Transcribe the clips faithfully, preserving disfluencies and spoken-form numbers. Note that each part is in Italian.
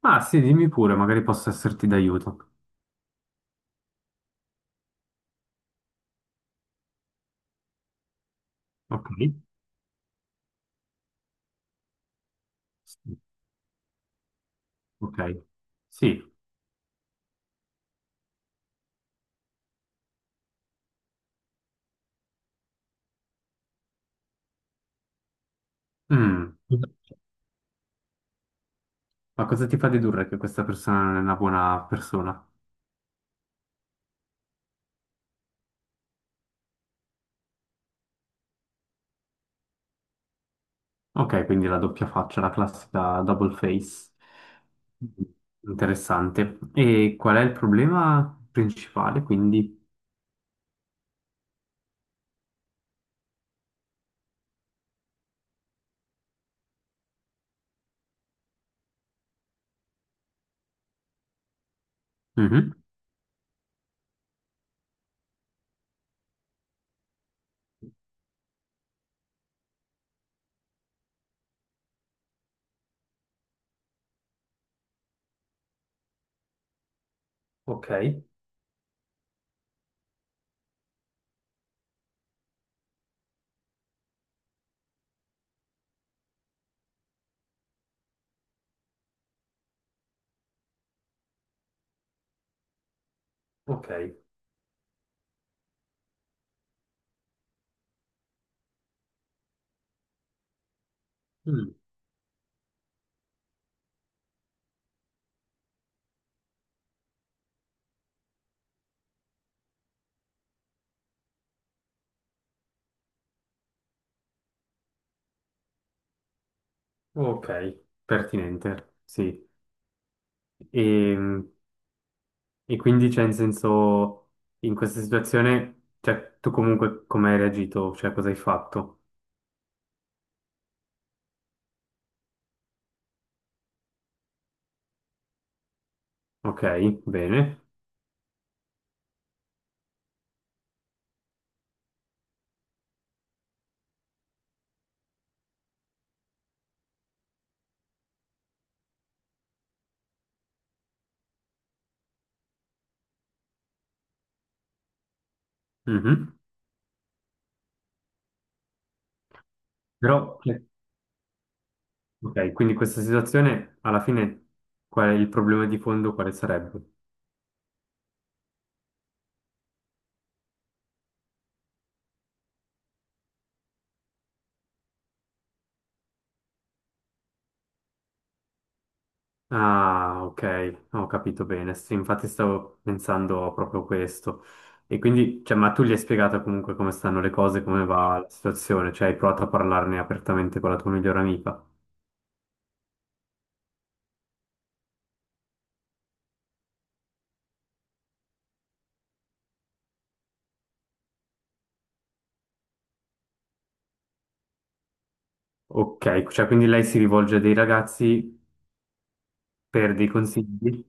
Ah, sì, dimmi pure, magari posso esserti d'aiuto. Ok. Sì, Ok. Sì. Mm. Ma cosa ti fa dedurre che questa persona non è una buona persona? Ok, quindi la doppia faccia, la classica double face. Interessante. E qual è il problema principale, quindi? Mhm. Ok, ok. Mm, Ok, pertinente, sì. E E quindi, cioè, in senso, in questa situazione, cioè, tu comunque come hai reagito? Cioè, cosa hai fatto? Ok, bene. Mhm. Però, cioè, ok, quindi questa situazione, alla fine, qual è il problema di fondo? Quale sarebbe? Ah, ok, ho capito bene. Sì, infatti stavo pensando a proprio questo. E quindi, cioè, ma tu gli hai spiegato comunque come stanno le cose, come va la situazione? Cioè, hai provato a parlarne apertamente con la tua migliore amica? Ok, cioè, quindi lei si rivolge a dei ragazzi per dei consigli?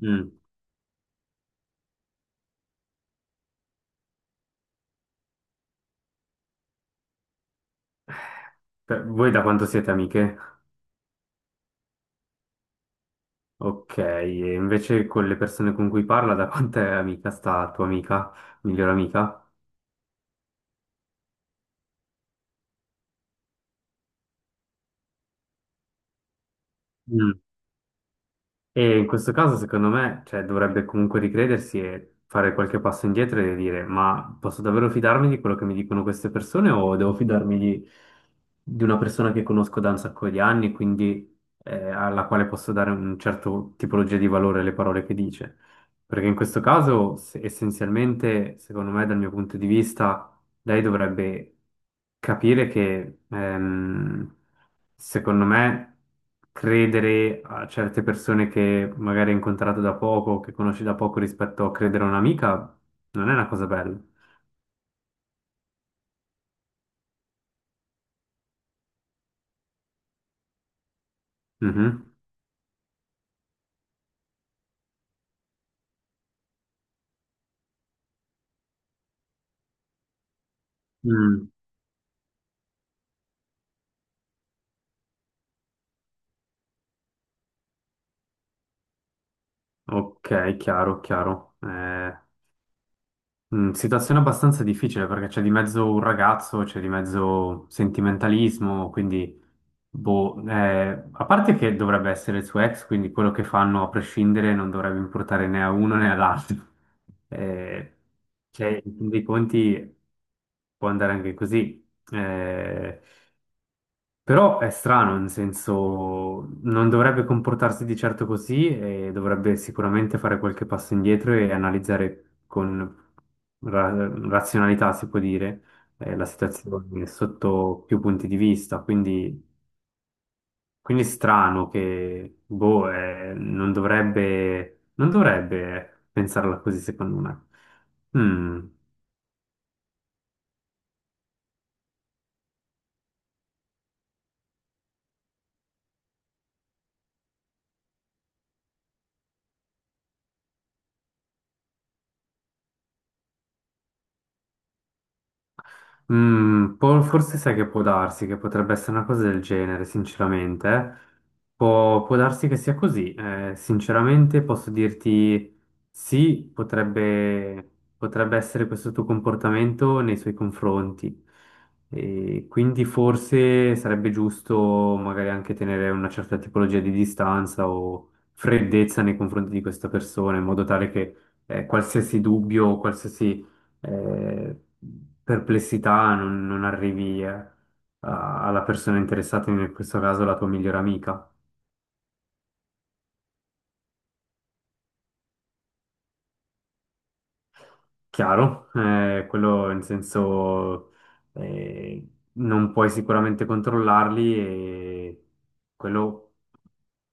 Mm. Per- Voi da quanto siete amiche? Ok, e invece con le persone con cui parla, da quanto è amica sta tua amica, migliore amica? Mm. E in questo caso, secondo me, cioè, dovrebbe comunque ricredersi e fare qualche passo indietro e dire: ma posso davvero fidarmi di quello che mi dicono queste persone o devo fidarmi di, di una persona che conosco da un sacco di anni, quindi eh, alla quale posso dare un certo tipologia di valore alle parole che dice? Perché in questo caso, se- essenzialmente, secondo me, dal mio punto di vista lei dovrebbe capire che, ehm, secondo me, credere a certe persone che magari hai incontrato da poco, che conosci da poco rispetto a credere a un'amica, non è una cosa bella. Mhm. Mm. Ok, chiaro, chiaro. Eh, Mm, situazione abbastanza difficile perché c'è di mezzo un ragazzo, c'è di mezzo sentimentalismo, quindi, boh, eh, a parte che dovrebbe essere il suo ex, quindi quello che fanno a prescindere non dovrebbe importare né a uno né all'altro. Eh, cioè, in fin dei conti può andare anche così. Eh, però è strano, nel senso, non dovrebbe comportarsi di certo così e dovrebbe sicuramente fare qualche passo indietro e analizzare con ra- razionalità, si può dire, eh, la situazione sotto più punti di vista. Quindi, quindi è strano che, boh, eh, non dovrebbe, non dovrebbe pensarla così, secondo me. Mm. Mm, può- forse sai che può darsi, che potrebbe essere una cosa del genere, sinceramente. Può, può darsi che sia così. Eh, sinceramente posso dirti sì, potrebbe, potrebbe essere questo tuo comportamento nei suoi confronti. E quindi forse sarebbe giusto magari anche tenere una certa tipologia di distanza o freddezza nei confronti di questa persona, in modo tale che eh, qualsiasi dubbio o qualsiasi eh, perplessità, non, non arrivi eh, a- alla persona interessata, in questo caso la tua migliore amica. Chiaro, eh, quello in senso eh, non puoi sicuramente controllarli e quello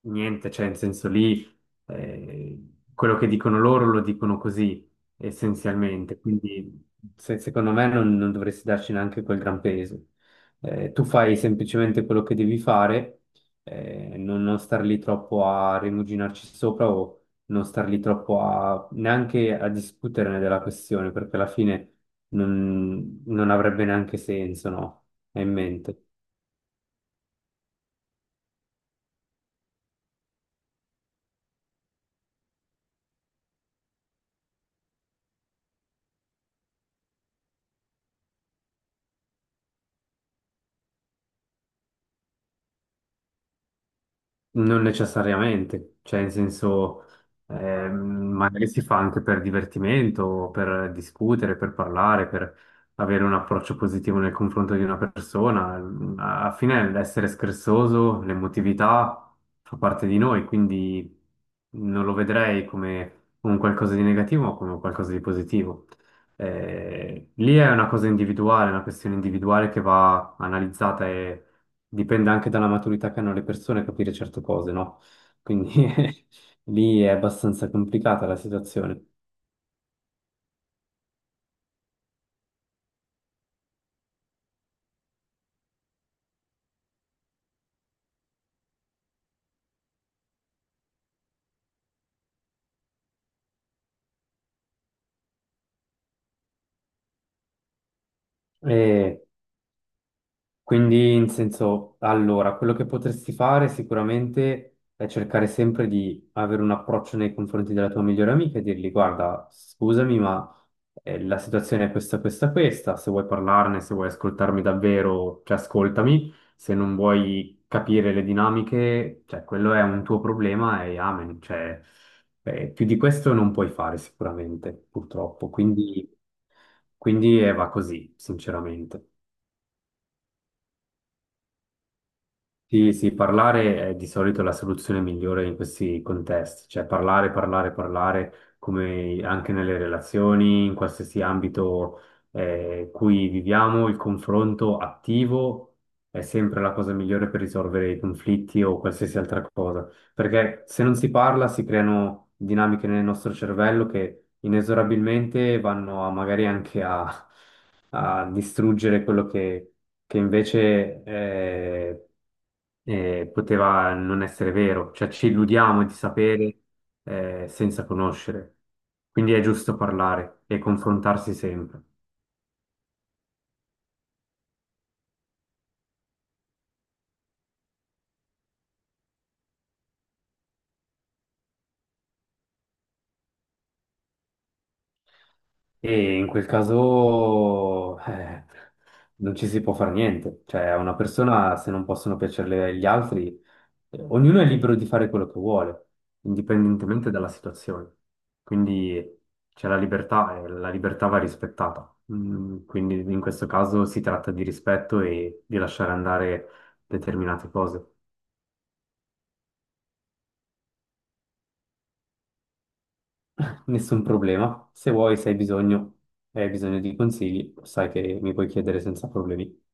niente, cioè in senso lì eh, quello che dicono loro lo dicono così essenzialmente, quindi se- secondo me non, non dovresti darci neanche quel gran peso. Eh, tu fai semplicemente quello che devi fare, eh, non, non star lì troppo a rimuginarci sopra o non star lì troppo a, neanche a discuterne della questione, perché alla fine non, non avrebbe neanche senso, no? È in mente. Non necessariamente, cioè in senso ehm, magari si fa anche per divertimento, o per discutere, per parlare, per avere un approccio positivo nel confronto di una persona. Alla fine l'essere scherzoso, l'emotività fa parte di noi, quindi non lo vedrei come un qualcosa di negativo, ma come un qualcosa di positivo. Eh, lì è una cosa individuale, una questione individuale che va analizzata e dipende anche dalla maturità che hanno le persone capire certe cose, no? Quindi lì è abbastanza complicata la situazione. E quindi, in senso, allora, quello che potresti fare sicuramente è cercare sempre di avere un approccio nei confronti della tua migliore amica e dirgli, guarda, scusami, ma eh, la situazione è questa, questa, questa, se vuoi parlarne, se vuoi ascoltarmi davvero, cioè ascoltami, se non vuoi capire le dinamiche, cioè quello è un tuo problema e amen, cioè eh, più di questo non puoi fare sicuramente, purtroppo, quindi, quindi eh, va così, sinceramente. Sì, sì, parlare è di solito la soluzione migliore in questi contesti, cioè parlare, parlare, parlare, come anche nelle relazioni, in qualsiasi ambito eh, cui viviamo, il confronto attivo è sempre la cosa migliore per risolvere i conflitti o qualsiasi altra cosa, perché se non si parla si creano dinamiche nel nostro cervello che inesorabilmente vanno a, magari anche a, a distruggere quello che, che invece eh, poteva non essere vero, cioè ci illudiamo di sapere eh, senza conoscere. Quindi è giusto parlare e confrontarsi sempre. E in quel caso eh, non ci si può fare niente, cioè a una persona se non possono piacerle gli altri, eh, ognuno è libero di fare quello che vuole, indipendentemente dalla situazione. Quindi c'è la libertà e la libertà va rispettata. Mm, quindi in questo caso si tratta di rispetto e di lasciare andare determinate cose. Nessun problema, se vuoi, se hai bisogno, e hai bisogno di consigli, sai che mi puoi chiedere senza problemi.